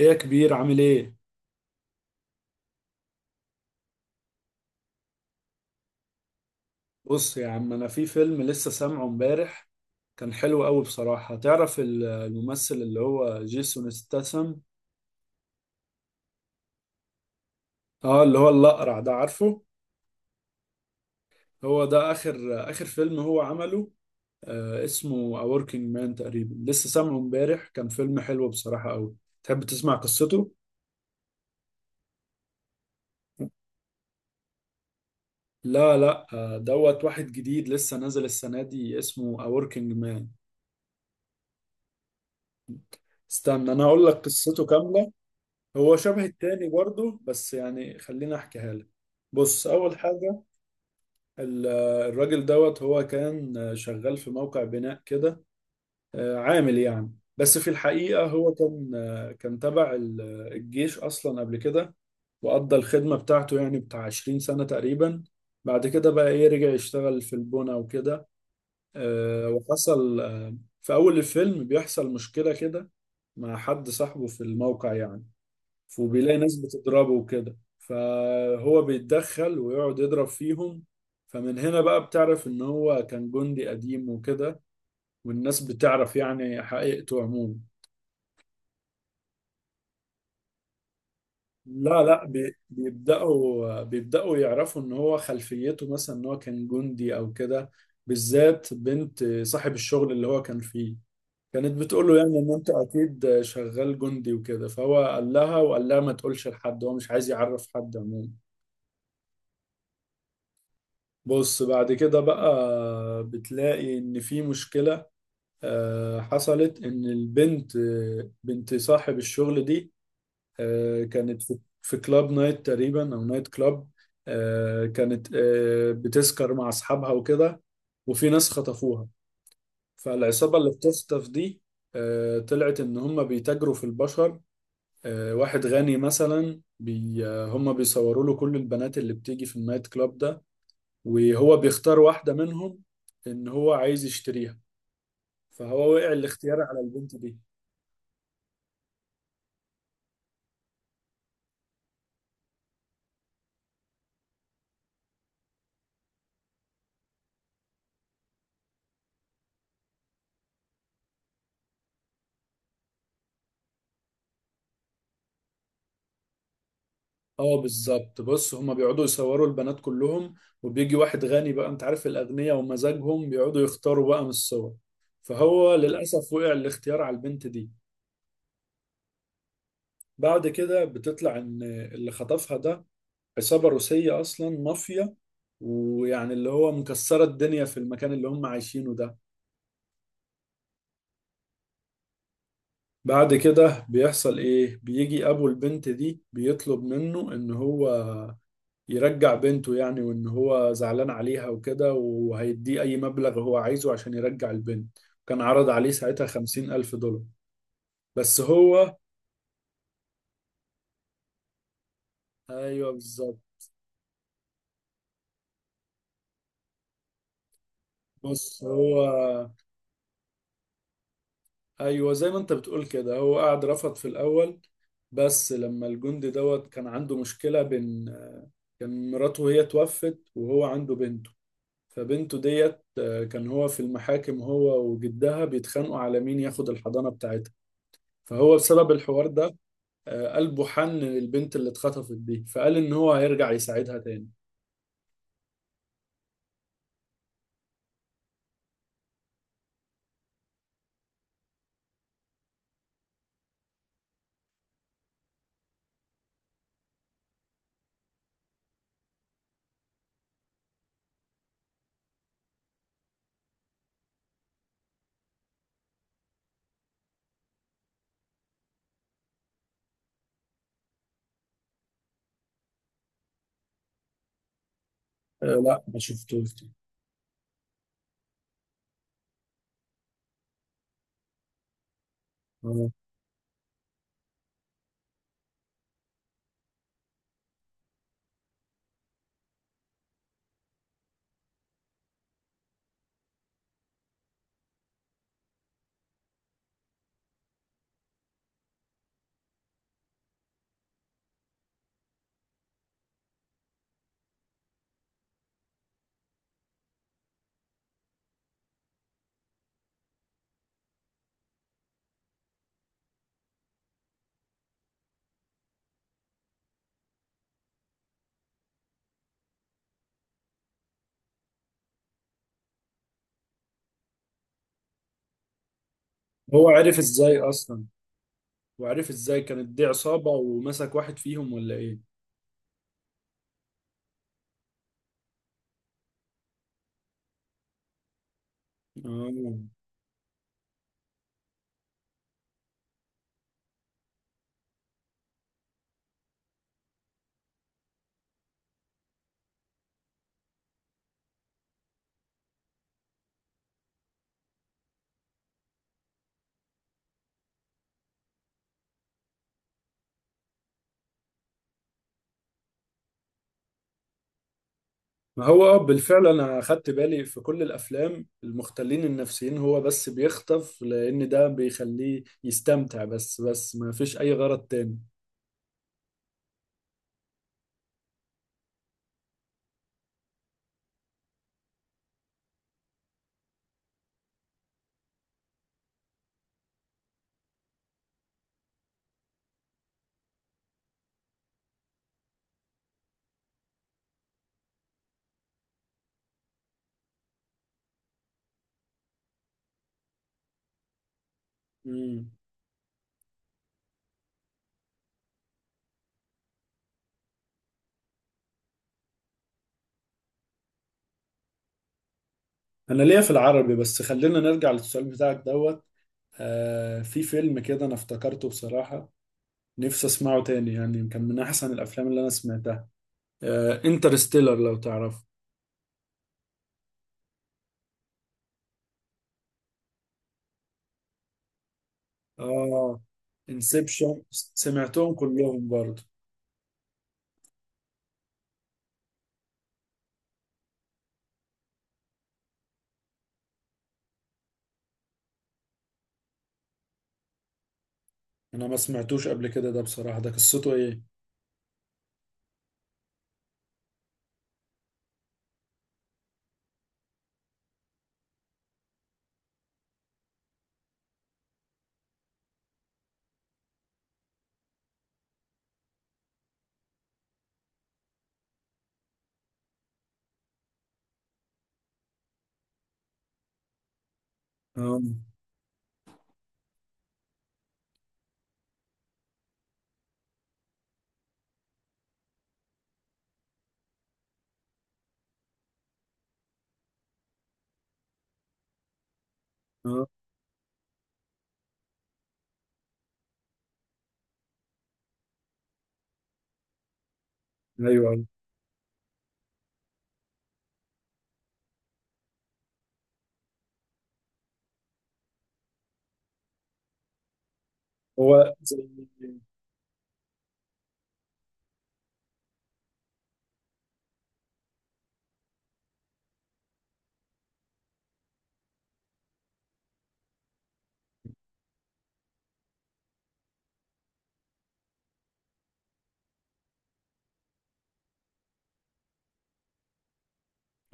ايه يا كبير، عامل ايه؟ بص يا عم، انا في فيلم لسه سامعه امبارح، كان حلو قوي بصراحة. تعرف الممثل اللي هو جيسون ستاثام؟ اه اللي هو الأقرع ده، عارفه؟ هو ده اخر فيلم هو عمله. اسمه A Working Man تقريبا، لسه سامعه امبارح، كان فيلم حلو بصراحة قوي. تحب تسمع قصته؟ لا لا، دوت واحد جديد لسه نازل السنة دي اسمه A Working Man. استنى انا اقول لك قصته كاملة. هو شبه التاني برضه، بس يعني خليني احكيها لك. بص، اول حاجه ال- الراجل دوت هو كان شغال في موقع بناء كده، عامل يعني، بس في الحقيقه هو كان تبع الجيش اصلا قبل كده، وقضى الخدمه بتاعته يعني بتاع 20 سنه تقريبا. بعد كده بقى ايه، رجع يشتغل في البناء وكده، وحصل في اول الفيلم بيحصل مشكله كده مع حد صاحبه في الموقع يعني، وبيلاقي ناس بتضربه وكده، فهو بيتدخل ويقعد يضرب فيهم. فمن هنا بقى بتعرف ان هو كان جندي قديم وكده، والناس بتعرف يعني حقيقته عموما. لا لا، بيبدأوا يعرفوا ان هو خلفيته مثلا ان هو كان جندي او كده. بالذات بنت صاحب الشغل اللي هو كان فيه، كانت بتقول له يعني ان انت اكيد شغال جندي وكده. فهو قال لها ما تقولش لحد، هو مش عايز يعرف حد عموما. بص بعد كده بقى، بتلاقي ان في مشكلة حصلت ان البنت، بنت صاحب الشغل دي، كانت في كلاب نايت تقريبا او نايت كلاب. كانت بتسكر مع اصحابها وكده، وفي ناس خطفوها. فالعصابة اللي بتخطف دي طلعت ان هم بيتاجروا في البشر. واحد غني مثلا، بي آه، هم بيصوروا له كل البنات اللي بتيجي في النايت كلاب ده، وهو بيختار واحدة منهم إن هو عايز يشتريها، فهو وقع الاختيار على البنت دي. اه بالظبط، بص هما بيقعدوا يصوروا البنات كلهم، وبيجي واحد غني بقى، انت عارف الأغنياء ومزاجهم، بيقعدوا يختاروا بقى من الصور، فهو للأسف وقع الاختيار على البنت دي. بعد كده بتطلع إن اللي خطفها ده عصابة روسية أصلا، مافيا، ويعني اللي هو مكسرة الدنيا في المكان اللي هم عايشينه ده. بعد كده بيحصل ايه، بيجي ابو البنت دي بيطلب منه ان هو يرجع بنته يعني، وان هو زعلان عليها وكده، وهيديه اي مبلغ هو عايزه عشان يرجع البنت. كان عرض عليه ساعتها 50,000 دولار. بس هو ايوه بالظبط، بص هو ايوه زي ما انت بتقول كده، هو قعد رفض في الاول، بس لما الجندي دوت كان عنده مشكلة، بين كان مراته هي توفت وهو عنده بنت، فبنته ديت كان هو في المحاكم هو وجدها بيتخانقوا على مين ياخد الحضانة بتاعتها. فهو بسبب الحوار ده قلبه حن للبنت اللي اتخطفت دي، فقال إن هو هيرجع يساعدها تاني. لا ما شفتوش دي. آه. هو عرف إزاي أصلا، وعرف إزاي كانت دي عصابة ومسك واحد فيهم ولا إيه؟ آه. ما هو بالفعل أنا أخدت بالي في كل الأفلام المختلين النفسيين، هو بس بيخطف لأن ده بيخليه يستمتع، بس ما فيش أي غرض تاني. مم. انا ليا في العربي، بس خلينا نرجع للسؤال بتاعك دوت. في فيلم كده انا افتكرته بصراحة، نفسي اسمعه تاني يعني، كان من احسن الافلام اللي انا سمعتها. انترستيلر لو تعرفه. اه انسبشن سمعتهم كلهم برضه. انا ما سمعتوش قبل كده ده بصراحة، ده قصته ايه؟ اه، اه، ايوه، أيوة. هو زي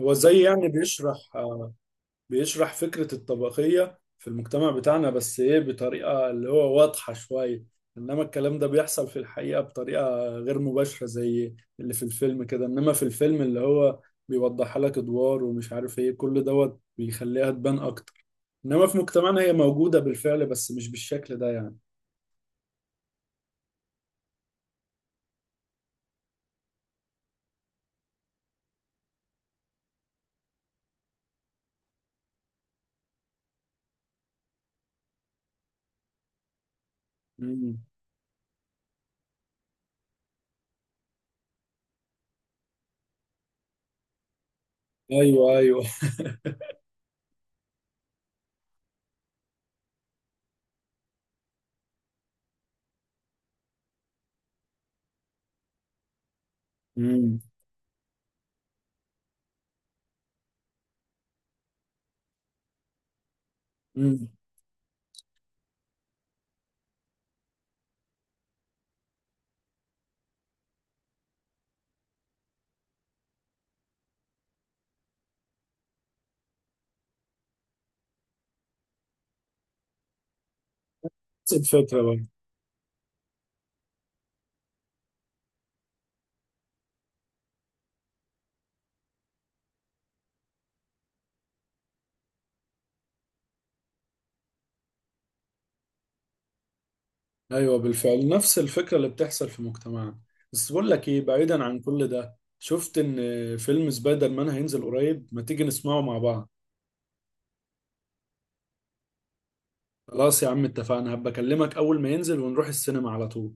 هو زي يعني بيشرح فكرة الطبقية في المجتمع بتاعنا، بس ايه، بطريقة اللي هو واضحة شوية، انما الكلام ده بيحصل في الحقيقة بطريقة غير مباشرة زي اللي في الفيلم كده. انما في الفيلم اللي هو بيوضحها لك ادوار ومش عارف ايه، كل دوت بيخليها تبان اكتر، انما في مجتمعنا هي موجودة بالفعل بس مش بالشكل ده يعني. مم. ايوه، ايوه. امم. امم. نفس الفكرة برضه، ايوه بالفعل نفس الفكره اللي بتحصل في مجتمعنا. بس بقول لك ايه، بعيدا عن كل ده، شفت ان فيلم سبايدر مان هينزل قريب، ما تيجي نسمعه مع بعض. خلاص يا عم اتفقنا، هبقى اكلمك اول ما ينزل ونروح السينما على طول.